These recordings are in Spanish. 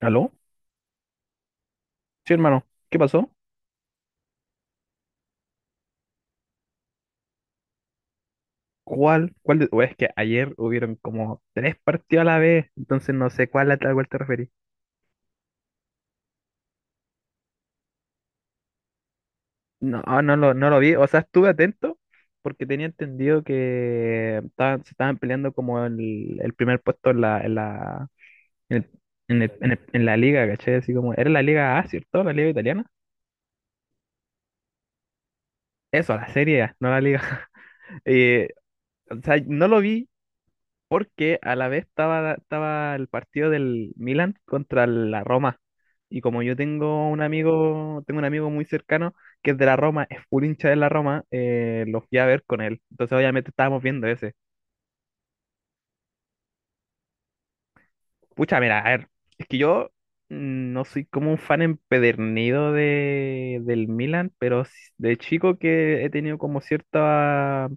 ¿Aló? Sí, hermano. ¿Qué pasó? ¿Cuál? ¿Cuál de... o es que ayer hubieron como tres partidos a la vez, entonces no sé cuál a tal cual te referís. No, no lo vi. O sea, estuve atento porque tenía entendido que se estaban peleando como el primer puesto en en el- en la liga, ¿cachai? Así como, era la Liga A, ¿cierto? La Liga italiana. Eso, la Serie A, no la Liga. Eh, o sea, no lo vi porque a la vez estaba el partido del Milan contra la Roma. Y como yo tengo un amigo muy cercano que es de la Roma, es full hincha de la Roma, lo fui a ver con él. Entonces obviamente estábamos viendo ese. Pucha, mira, a ver, es que yo no soy como un fan empedernido del Milan, pero de chico que he tenido como cierta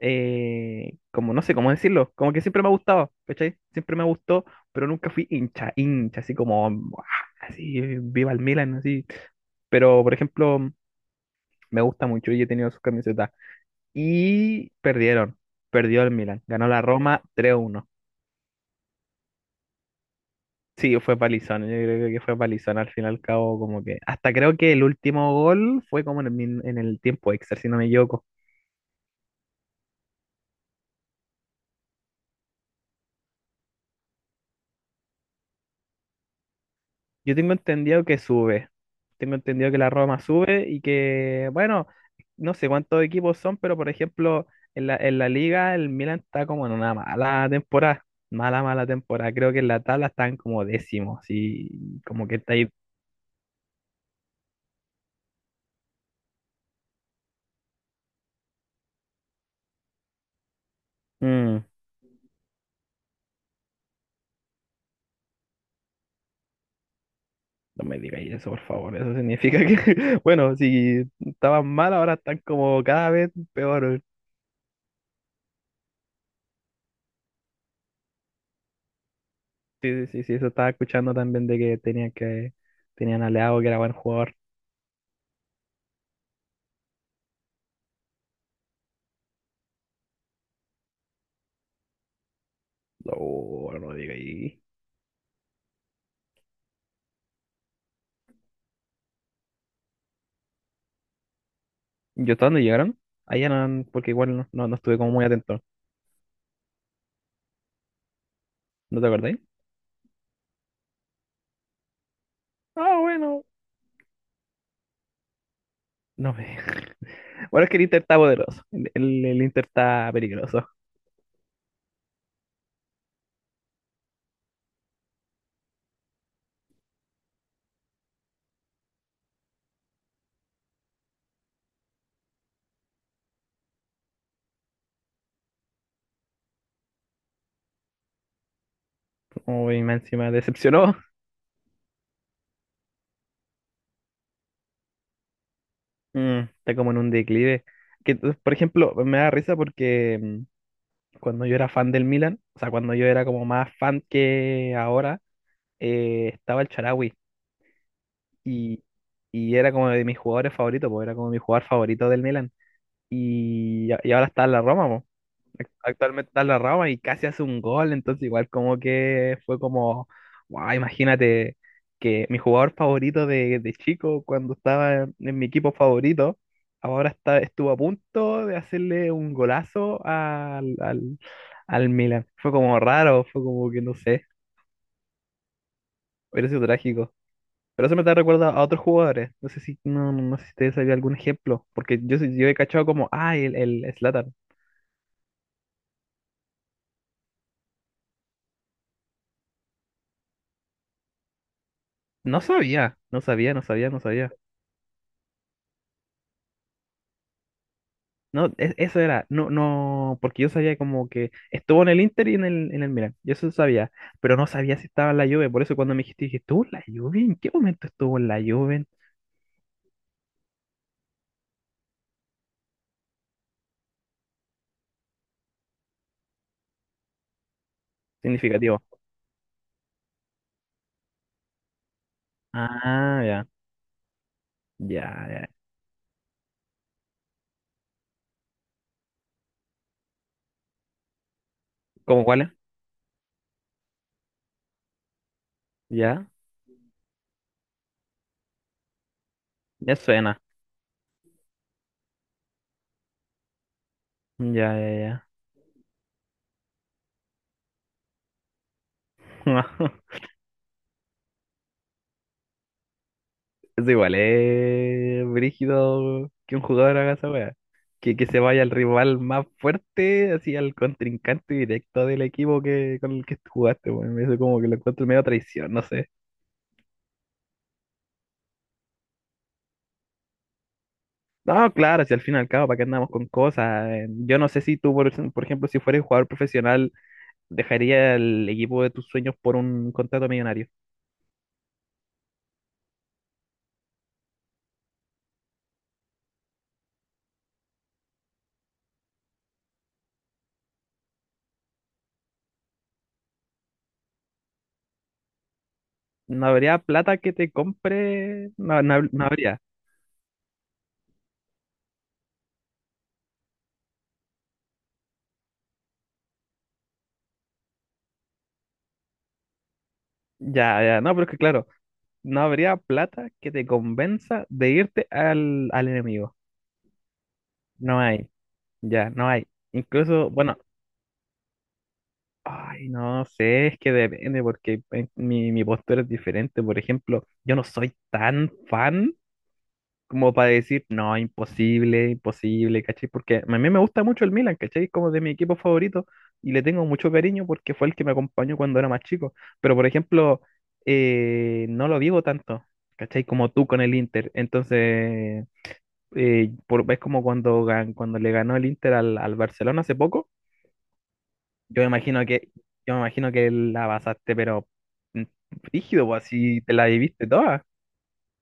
como no sé cómo decirlo, como que siempre me ha gustado, ¿cachai? Siempre me gustó, pero nunca fui hincha, hincha, así como, "Buah", así, viva el Milan, así. Pero, por ejemplo, me gusta mucho y he tenido sus camisetas. Y perdieron, perdió el Milan, ganó la Roma 3-1. Sí, fue palizón, yo creo que fue palizón al fin y al cabo, como que, hasta creo que el último gol fue como en en el tiempo extra, si no me equivoco. Yo tengo entendido que sube. Tengo entendido que la Roma sube y que, bueno, no sé cuántos equipos son, pero por ejemplo, en la liga el Milan está como en una mala temporada. Mala, mala temporada. Creo que en la tabla están como décimos y como que está ahí. Mm, no me digáis eso, por favor. Eso significa que, bueno, si estaban mal, ahora están como cada vez peor. Sí, sí, sí, sí, eso estaba escuchando también de que, tenían a Leao, que era buen jugador. No, no digáis. ¿Yo hasta dónde llegaron? Allá no, porque igual no, no, no estuve como muy atento. ¿No te acordáis? Ah, bueno. No me... Bueno, es que el Inter está poderoso. El Inter está peligroso. Uy, más encima decepcionó. Está como en un declive. Que, entonces, por ejemplo, me da risa porque cuando yo era fan del Milan, o sea, cuando yo era como más fan que ahora, estaba el Charawi y, y era como de mis jugadores favoritos, porque era como mi jugador favorito del Milan. Y ahora está en la Roma, po. Actualmente está en la Roma y casi hace un gol, entonces igual como que fue como, wow, imagínate que mi jugador favorito de chico, cuando estaba en mi equipo favorito, ahora está, estuvo a punto de hacerle un golazo al Milan. Fue como raro, fue como que no sé, hubiera sido trágico. Pero eso me da recuerda a otros jugadores. No sé si, no sé si ustedes sabían algún ejemplo, porque yo he cachado como, ah, el Zlatan. No sabía, no sabía, no sabía, no sabía. No, no, no, porque yo sabía como que estuvo en el Inter y en en el Milan, yo eso sabía, pero no sabía si estaba en la Juve, por eso cuando me dijiste, dije, ¿estuvo en la Juve? ¿En qué momento estuvo en la Juve? Significativo. Ah, ya, ya, ya. ¿Cómo cuál es? Ya, ya suena, ya, ya, ya. Eso igual es brígido que un jugador haga esa weá. Que se vaya al rival más fuerte, así al contrincante directo del equipo que, con el que jugaste, weón. Eso como que lo encuentro medio traición, no sé. No, claro, si al fin y al cabo, ¿para qué andamos con cosas? Yo no sé si tú, por ejemplo, si fueras jugador profesional, dejaría el equipo de tus sueños por un contrato millonario. No habría plata que te compre, no, no habría. Ya, ya, no, pero es que claro. No habría plata que te convenza de irte al enemigo. No hay, ya, no hay. Incluso, bueno, ay, no sé, es que depende porque mi postura es diferente. Por ejemplo, yo no soy tan fan como para decir, no, imposible, imposible, ¿cachai? Porque a mí me gusta mucho el Milan, ¿cachai? Es como de mi equipo favorito y le tengo mucho cariño porque fue el que me acompañó cuando era más chico. Pero, por ejemplo, no lo vivo tanto. ¿Cachai? Como tú con el Inter. Entonces, es como cuando, cuando le ganó el Inter al Barcelona hace poco. Yo me imagino que, yo me imagino que la pasaste, pero mm, rígido, pues así te la viviste toda.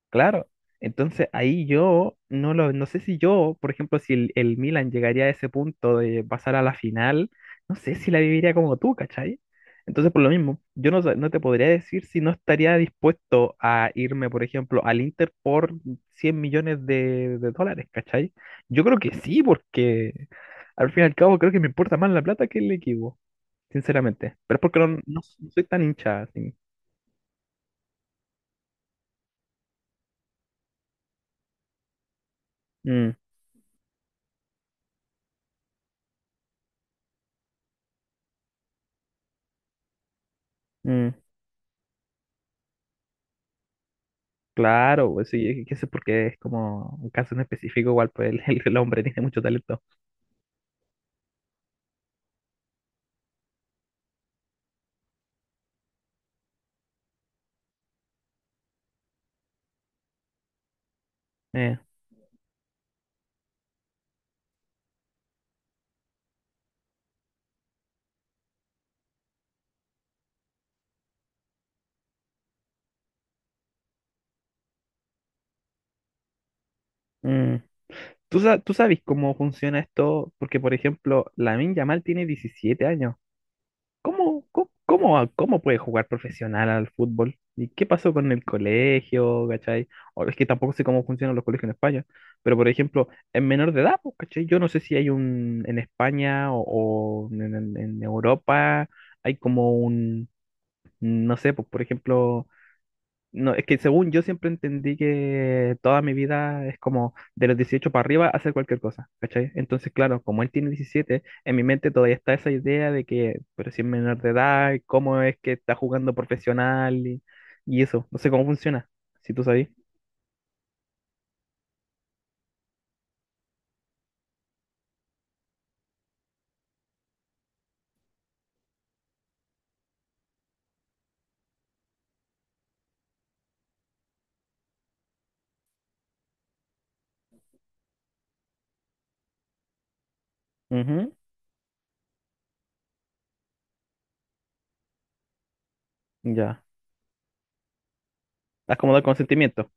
Claro, entonces ahí yo no lo, no sé si yo, por ejemplo, si el Milan llegaría a ese punto de pasar a la final, no sé si la viviría como tú, ¿cachai? Entonces, por lo mismo, yo no te podría decir si no estaría dispuesto a irme, por ejemplo, al Inter por 100 millones de dólares, ¿cachai? Yo creo que sí, porque al fin y al cabo creo que me importa más la plata que el equipo, sinceramente. Pero es porque no, no soy tan hincha, así. Mm, mm. Claro, pues sí, qué sé por qué es como un caso en específico, igual pues el hombre tiene mucho talento. Eh, mm. ¿Tú, tú sabes cómo funciona esto? Porque, por ejemplo, Lamine Yamal tiene 17 años. ¿Cómo puede jugar profesional al fútbol? ¿Y qué pasó con el colegio, cachai? O es que tampoco sé cómo funcionan los colegios en España, pero, por ejemplo, en menor de edad, pues, cachai, yo no sé si hay un en España o en en Europa hay como un, no sé, pues, por ejemplo. No, es que según yo siempre entendí que toda mi vida es como de los 18 para arriba hacer cualquier cosa, ¿cachai? Entonces, claro, como él tiene 17 en mi mente todavía está esa idea de que, pero si es menor de edad, ¿cómo es que está jugando profesional y eso? No sé cómo funciona, si tú sabes. Ujú. Ya. Estás como del consentimiento.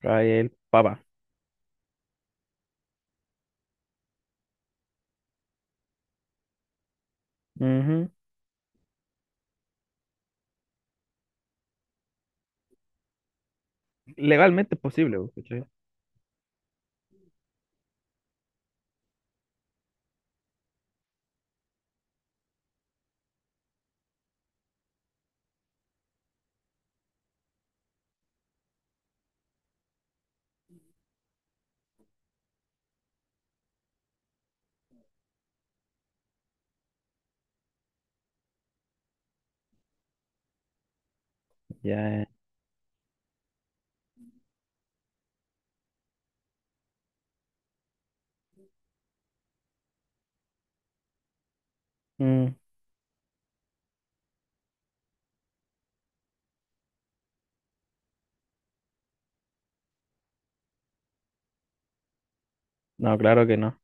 Trae el papá. Ujú. Legalmente es posible, ¿cachai? Ya. Mm. No, claro que no.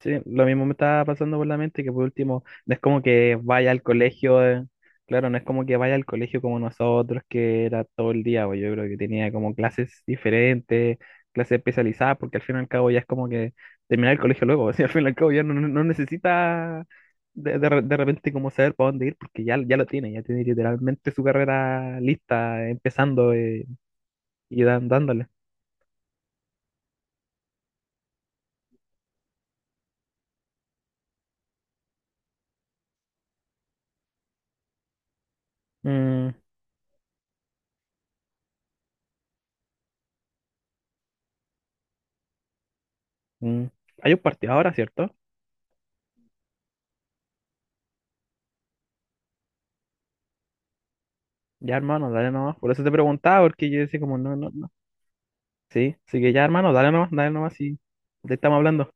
Sí, lo mismo me estaba pasando por la mente que por último, no es como que vaya al colegio, claro, no es como que vaya al colegio como nosotros, que era todo el día, pues yo creo que tenía como clases diferentes, clases especializadas, porque al fin y al cabo ya es como que terminar el colegio luego, o sea, al fin y al cabo ya no, no, no necesita de repente como saber para dónde ir, porque ya, ya lo tiene, ya tiene literalmente su carrera lista, empezando y dan, dándole. Mm, mm. Hay un partido ahora, ¿cierto? Ya, hermano, dale nomás. Por eso te preguntaba, porque yo decía como, no, no, no. Sí, así que ya, hermano, dale nomás y te estamos hablando. Chao.